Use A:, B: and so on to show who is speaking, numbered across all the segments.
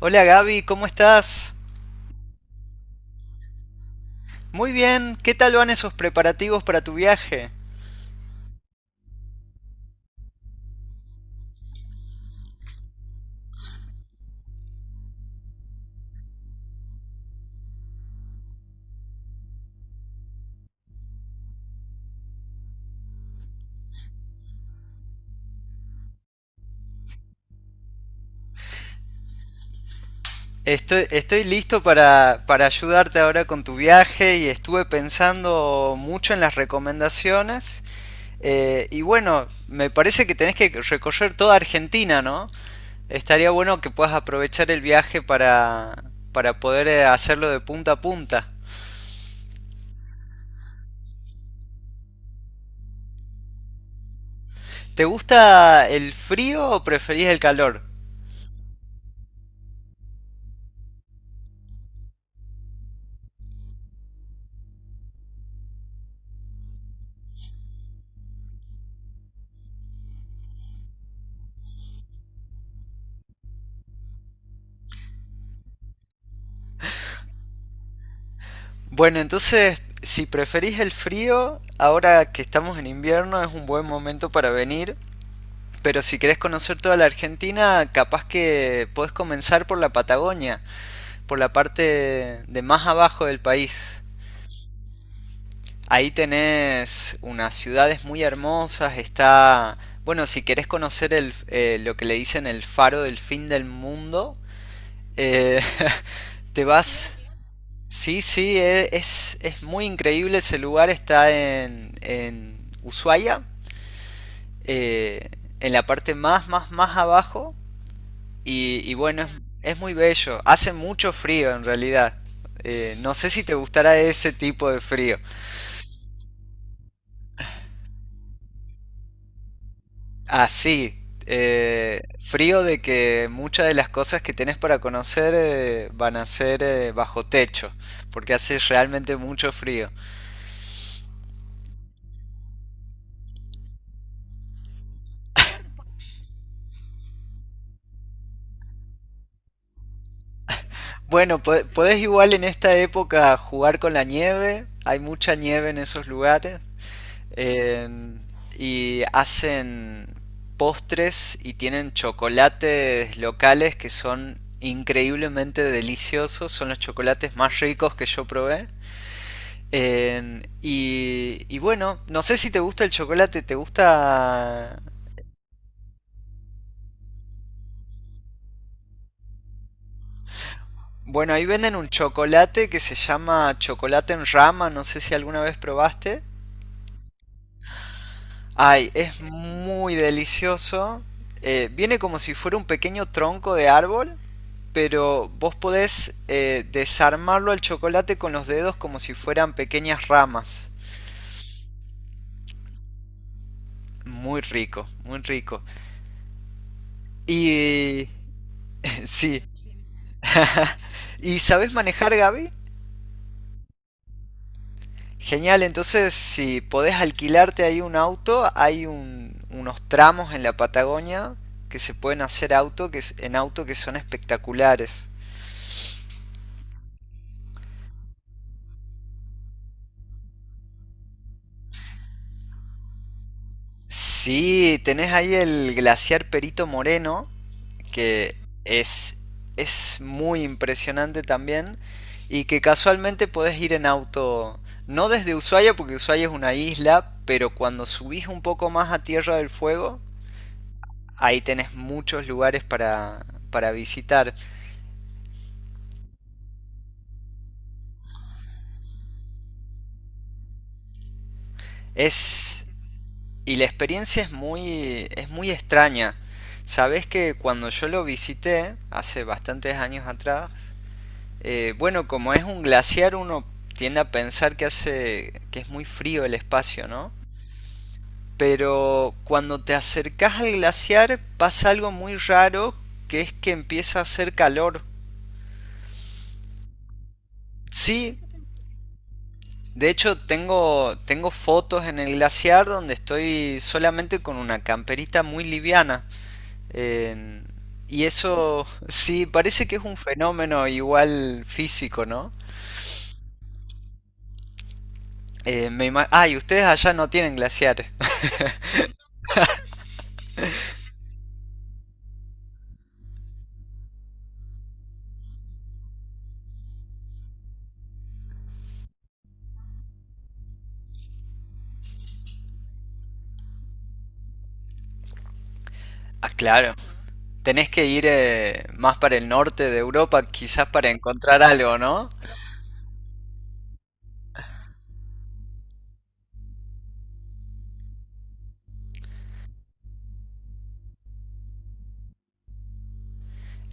A: Hola Gaby, ¿cómo estás? Muy bien, ¿qué tal van esos preparativos para tu viaje? Estoy listo para ayudarte ahora con tu viaje y estuve pensando mucho en las recomendaciones. Y bueno, me parece que tenés que recorrer toda Argentina, ¿no? Estaría bueno que puedas aprovechar el viaje para poder hacerlo de punta a punta. ¿Te gusta el frío o preferís el calor? Bueno, entonces, si preferís el frío, ahora que estamos en invierno es un buen momento para venir. Pero si querés conocer toda la Argentina, capaz que podés comenzar por la Patagonia, por la parte de más abajo del país. Ahí tenés unas ciudades muy hermosas, está... Bueno, si querés conocer lo que le dicen el faro del fin del mundo, eh, te vas... Sí, sí, es muy increíble ese lugar, está en Ushuaia, eh, en la parte más abajo, y bueno, es muy bello, hace mucho frío en realidad. No sé si te gustará ese tipo de frío, así, frío de que muchas de las cosas que tenés para conocer van a ser bajo techo, porque hace realmente mucho frío. Bueno, podés igual en esta época jugar con la nieve. Hay mucha nieve en esos lugares. en- y hacen postres y tienen chocolates locales que son increíblemente deliciosos. Son los chocolates más ricos que yo probé. Y bueno, no sé si te gusta el chocolate. ¿Te gusta...? Bueno, ahí venden un chocolate que se llama chocolate en rama. No sé si alguna vez probaste. Ay, es muy delicioso. Viene como si fuera un pequeño tronco de árbol, pero vos podés desarmarlo al chocolate con los dedos como si fueran pequeñas ramas. Muy rico, muy rico. Y... Sí. ¿Y sabés manejar, Gaby? Genial, entonces si podés alquilarte ahí un auto, hay unos tramos en la Patagonia que se pueden hacer auto, que, en auto que son espectaculares. Sí, tenés ahí el glaciar Perito Moreno, que es, es muy impresionante también, y que casualmente podés ir en auto, no desde Ushuaia, porque Ushuaia es una isla, pero cuando subís un poco más a Tierra del Fuego, ahí tenés muchos lugares para visitar. Es, y la experiencia es muy extraña. Sabés que cuando yo lo visité, hace bastantes años atrás, bueno, como es un glaciar, uno tiende a pensar que hace que es muy frío el espacio, ¿no? Pero cuando te acercas al glaciar pasa algo muy raro, que es que empieza a hacer calor. Sí, de hecho tengo fotos en el glaciar donde estoy solamente con una camperita muy liviana. Eh, y eso sí, parece que es un fenómeno igual físico, ¿no? Y ustedes allá no tienen glaciares. Ah, claro. Tenés que ir más para el norte de Europa, quizás para encontrar algo, ¿no?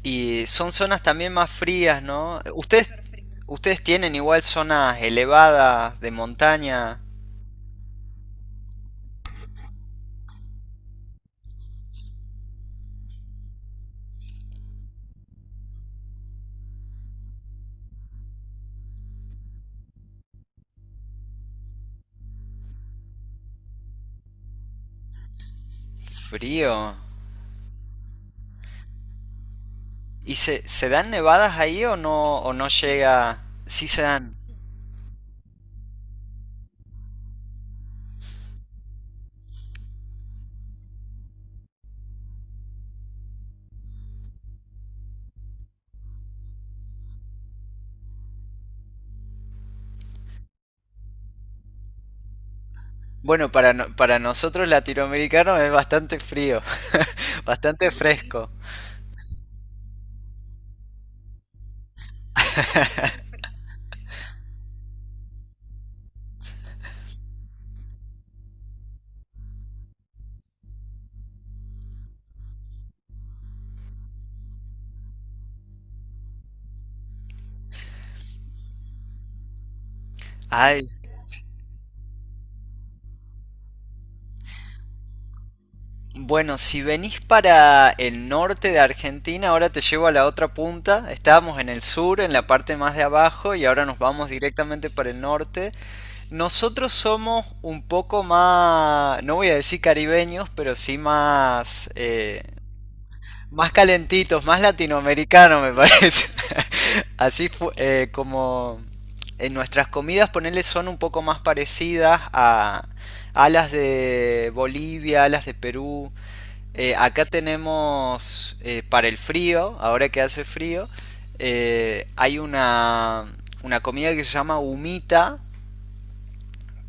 A: Y son zonas también más frías, ¿no? Ustedes tienen igual zonas elevadas de montaña, frío. ¿Y se dan nevadas ahí o no llega? Sí se dan. Bueno, para, no- para nosotros latinoamericanos es bastante frío, bastante fresco. Ay, bueno, si venís para el norte de Argentina, ahora te llevo a la otra punta. Estábamos en el sur, en la parte más de abajo, y ahora nos vamos directamente para el norte. Nosotros somos un poco más, no voy a decir caribeños, pero sí más, más calentitos, más latinoamericano me parece. Como en nuestras comidas, ponerle son un poco más parecidas a las de Bolivia, a las de Perú. Acá tenemos para el frío, ahora que hace frío, hay una comida que se llama humita,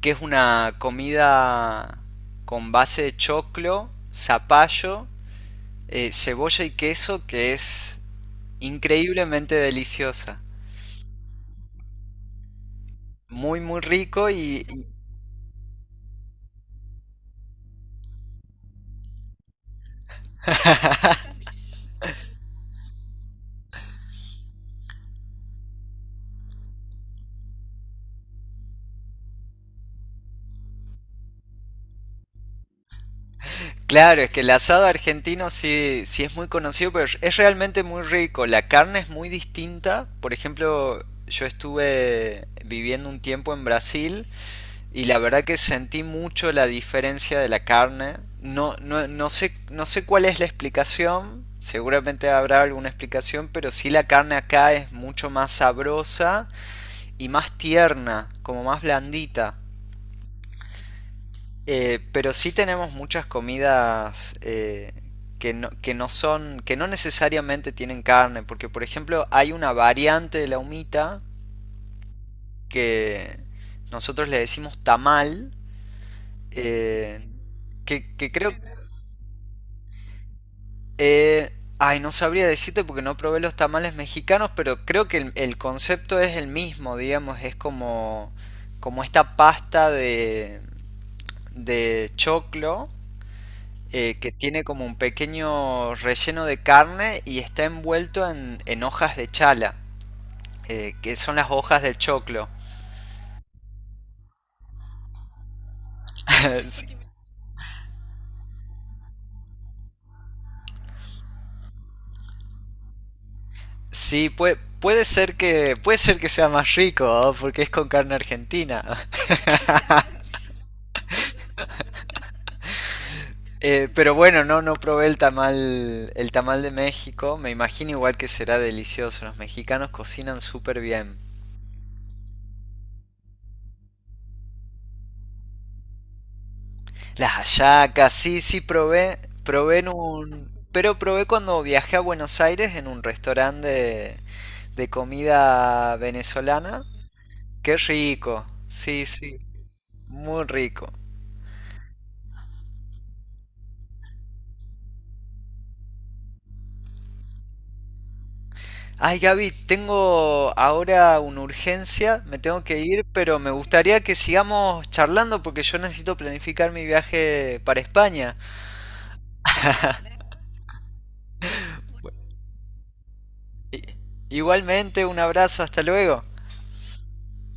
A: que es una comida con base de choclo, zapallo cebolla y queso que es increíblemente deliciosa. Muy, muy rico y claro, es que el asado argentino sí, sí es muy conocido, pero es realmente muy rico. La carne es muy distinta. Por ejemplo, yo estuve viviendo un tiempo en Brasil y la verdad que sentí mucho la diferencia de la carne. No sé, no sé cuál es la explicación. Seguramente habrá alguna explicación, pero sí la carne acá es mucho más sabrosa y más tierna, como más blandita. Pero sí tenemos muchas comidas que no son, que no necesariamente tienen carne, porque por ejemplo hay una variante de la humita que nosotros le decimos tamal, eh, que creo... eh, ay, no sabría decirte porque no probé los tamales mexicanos, pero creo que el concepto es el mismo, digamos, es como, como esta pasta de choclo que tiene como un pequeño relleno de carne y está envuelto en hojas de chala, que son las hojas del choclo. Sí, puede ser que sea más rico, ¿no? Porque es con carne argentina. Pero bueno, no probé el tamal de México. Me imagino igual que será delicioso. Los mexicanos cocinan súper bien. Las hallacas, sí, sí probé, probé en un... Pero probé cuando viajé a Buenos Aires en un restaurante de comida venezolana. Qué rico. Sí, sí, muy rico. Ay, Gaby, tengo ahora una urgencia, me tengo que ir, pero me gustaría que sigamos charlando porque yo necesito planificar mi viaje para España. Igualmente, un abrazo, hasta luego.